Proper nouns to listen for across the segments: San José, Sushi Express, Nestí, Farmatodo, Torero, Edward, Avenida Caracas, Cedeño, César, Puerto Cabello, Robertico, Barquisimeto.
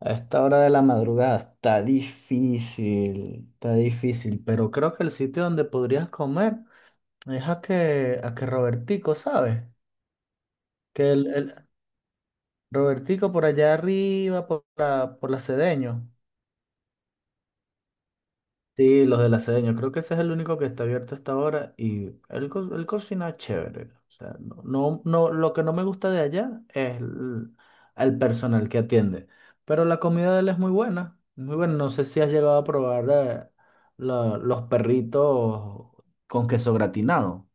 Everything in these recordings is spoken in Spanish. A esta hora de la madrugada está difícil, pero creo que el sitio donde podrías comer es a que Robertico, ¿sabes? Que el, el- Robertico por allá arriba, por la Cedeño. Sí, los de la sede, creo que ese es el único que está abierto hasta ahora y él, él cocina chévere. O sea, lo que no me gusta de allá es el personal que atiende, pero la comida de él es muy buena, muy buena. No sé si has llegado a probar los perritos con queso gratinado.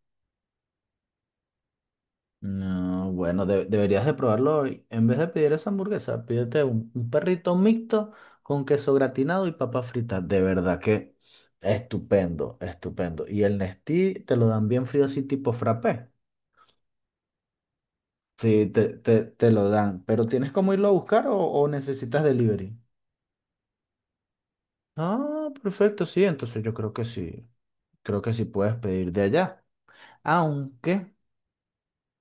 No, bueno, deberías de probarlo hoy. En vez de pedir esa hamburguesa, pídete un perrito mixto con queso gratinado y papas fritas. De verdad que estupendo, estupendo. Y el Nestí te lo dan bien frío así tipo frappé. Sí, te lo dan. Pero ¿tienes cómo irlo a buscar o necesitas delivery? Ah, perfecto, sí. Entonces yo creo que sí. Creo que sí puedes pedir de allá. Aunque,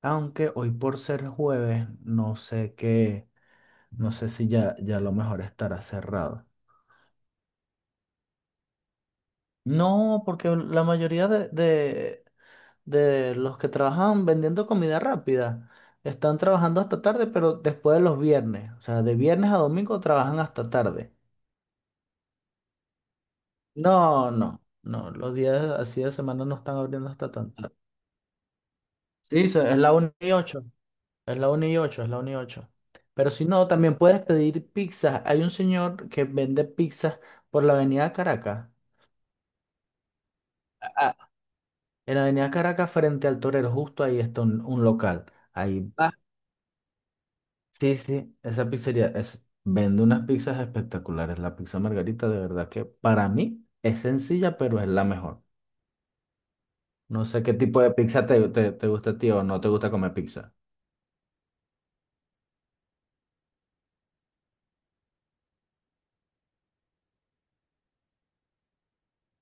aunque hoy por ser jueves, no sé qué. No sé si ya a lo mejor estará cerrado. No, porque la mayoría de los que trabajan vendiendo comida rápida están trabajando hasta tarde, pero después de los viernes. O sea, de viernes a domingo trabajan hasta tarde. No, no, no. Los días así de semana no están abriendo hasta tan tarde. Sí, es la 1 y 8. Es la 1 y 8, es la 1 y 8. Pero si no, también puedes pedir pizza. Hay un señor que vende pizzas por la avenida Caracas. En la Avenida Caracas, frente al Torero, justo ahí está un local. Ahí, Ah, sí, sí, esa pizzería es, vende unas pizzas espectaculares. La pizza margarita, de verdad que para mí es sencilla, pero es la mejor. No sé qué tipo de pizza te gusta a ti o no te gusta comer pizza.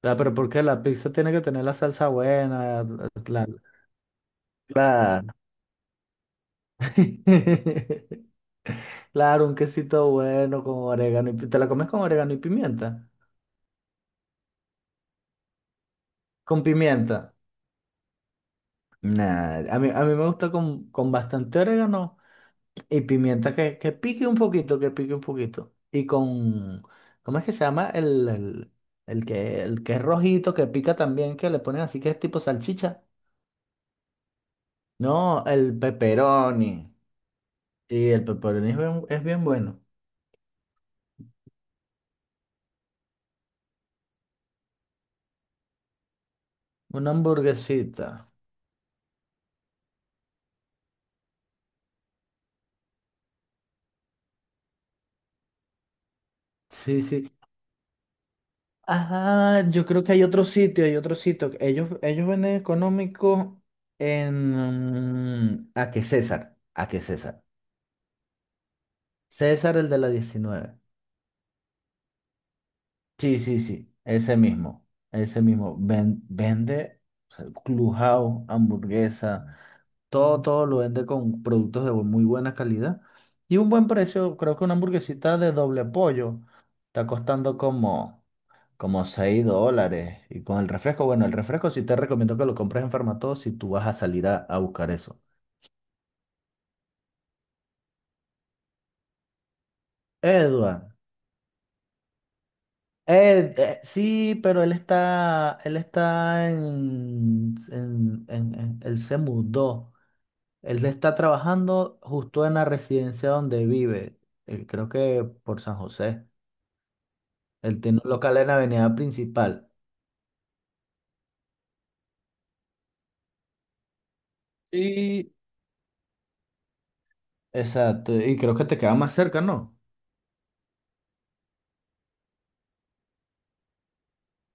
Ah, ¿pero porque la pizza tiene que tener la salsa buena? La, la, claro, un quesito bueno con orégano y ¿te la comes con orégano y pimienta? Con pimienta. Nah, a mí me gusta con bastante orégano y pimienta que pique un poquito, que pique un poquito. Y con, ¿cómo es que se llama? El que es rojito, que pica también, que le ponen así que es tipo salchicha. No, el pepperoni. Sí, el pepperoni es bien bueno. Una hamburguesita. Sí, sí. Ah, yo creo que hay otro sitio, hay otro sitio. Ellos venden económico en... ¿A qué César? ¿A qué César? César, el de la 19. Sí, sí, sí, ese mismo, ese mismo. Vende o sea, Clubhouse, hamburguesa, todo, todo lo vende con productos de muy buena calidad y un buen precio. Creo que una hamburguesita de doble pollo está costando como, como $6. Y con el refresco, bueno, el refresco sí te recomiendo que lo compres en Farmatodo si tú vas a salir a buscar eso. Edward, sí, pero él está, él está él se mudó. Él está trabajando justo en la residencia donde vive, creo que por San José. Él tiene un local en la avenida principal. Y, exacto, y creo que te queda más cerca, ¿no?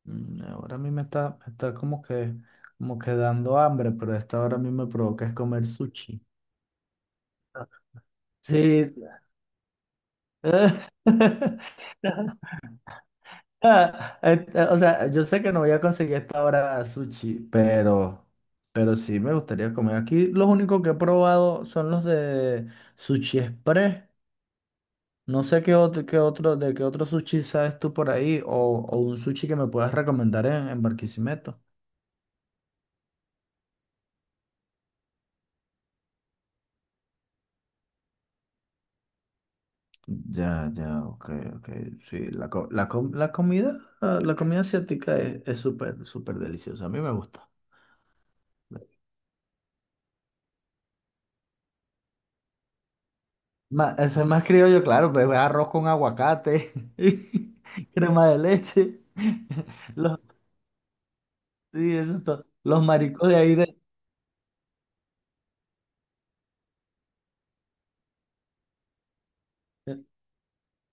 Mm, ahora a mí me está como que dando hambre, pero a esta hora a mí me provoca es comer sushi. Sí. Ah, o sea, yo sé que no voy a conseguir esta hora sushi, pero sí me gustaría comer. Aquí los únicos que he probado son los de Sushi Express. No sé qué otro, de qué otro sushi sabes tú por ahí, o un sushi que me puedas recomendar en Barquisimeto. Ya, ya, ok, ok. Sí, la comida, ah, la comida asiática es súper, súper deliciosa. A mí me gusta. Eso es más criollo, claro, pues arroz con aguacate, y crema de leche. Los, sí, eso es todo.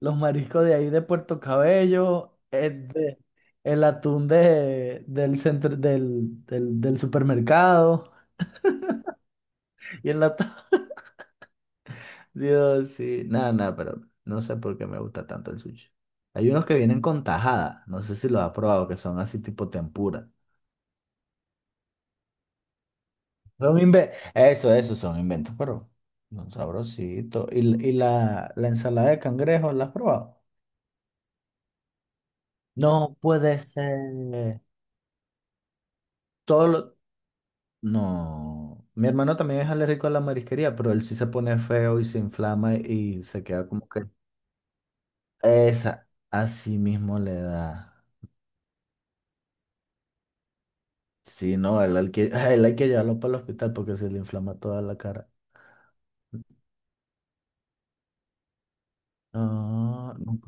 Los mariscos de ahí de Puerto Cabello, el atún del centro, del supermercado y el atún. Dios, sí, nada, nada, pero no sé por qué me gusta tanto el sushi. Hay unos que vienen con tajada, no sé si lo has probado, que son así tipo tempura. Eso, eso son inventos, pero son sabrositos. Y la ensalada de cangrejo la has probado? No puede ser. Todo lo... No. Mi hermano también es alérgico a la marisquería, pero él sí se pone feo y se inflama y se queda como que... Esa, así mismo le da. Sí, no, él, hay que, él hay que llevarlo para el hospital porque se le inflama toda la cara. Ah, no.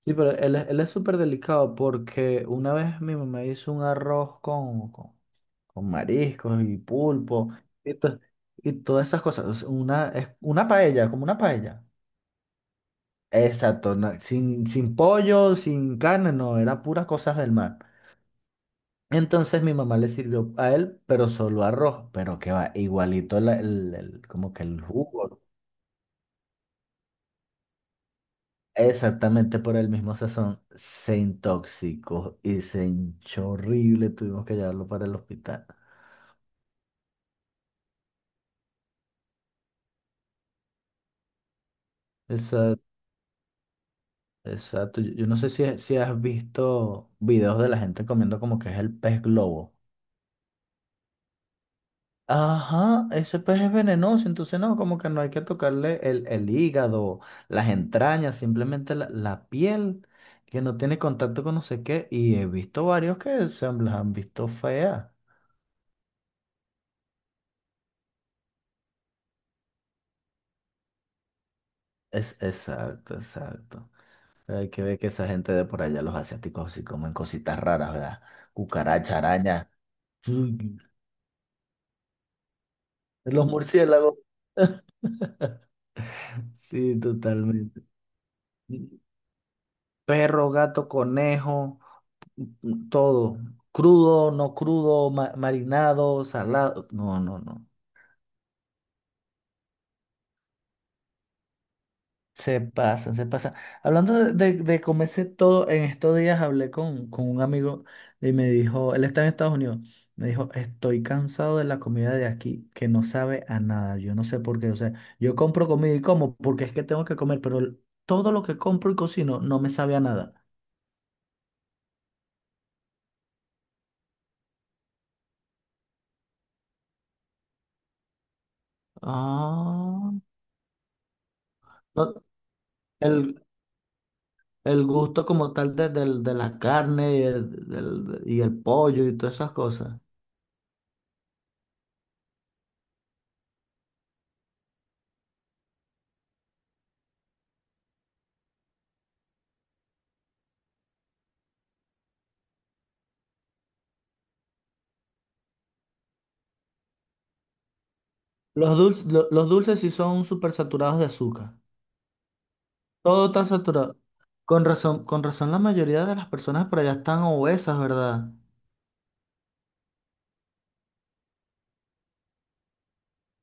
Sí, pero él, él es súper delicado porque una vez mi mamá hizo un arroz con mariscos y pulpo y, to- y todas esas cosas. O sea, una, es una paella, como una paella. Exacto, sin, sin pollo, sin carne, no, era puras cosas del mar. Entonces mi mamá le sirvió a él, pero solo arroz, pero que va igualito como que el jugo. Exactamente por el mismo sazón, se intoxicó y se hinchó horrible, tuvimos que llevarlo para el hospital. Eso exacto. Yo no sé si, si has visto videos de la gente comiendo como que es el pez globo. Ajá, ese pez es venenoso, entonces no, como que no hay que tocarle el hígado, las entrañas, simplemente la piel, que no tiene contacto con no sé qué. Y he visto varios que las han visto feas. Es, exacto, exacto. Pero hay que ver que esa gente de por allá, los asiáticos, sí comen cositas raras, ¿verdad? Cucaracha, araña, los murciélagos. Sí, totalmente. Perro, gato, conejo, todo. Crudo, no crudo, marinado, salado. No, no, no. Se pasan, se pasan. Hablando de comerse todo, en estos días hablé con un amigo y me dijo, él está en Estados Unidos, me dijo, estoy cansado de la comida de aquí, que no sabe a nada. Yo no sé por qué. O sea, yo compro comida y como porque es que tengo que comer, pero todo lo que compro y cocino no me sabe a nada. Ah, no, el, el gusto como tal de la carne y y el pollo y todas esas cosas. Los dulces sí son súper saturados de azúcar. Todo está saturado. Con razón la mayoría de las personas por allá están obesas, ¿verdad?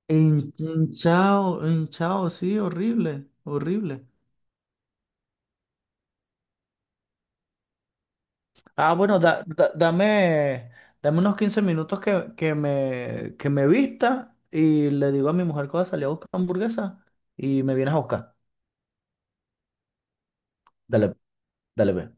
Hinchado, hinchado, sí, horrible, horrible. Ah, bueno, dame unos 15 minutos que me vista y le digo a mi mujer que voy a salir a buscar hamburguesa y me vienes a buscar. Dale, dale, ve.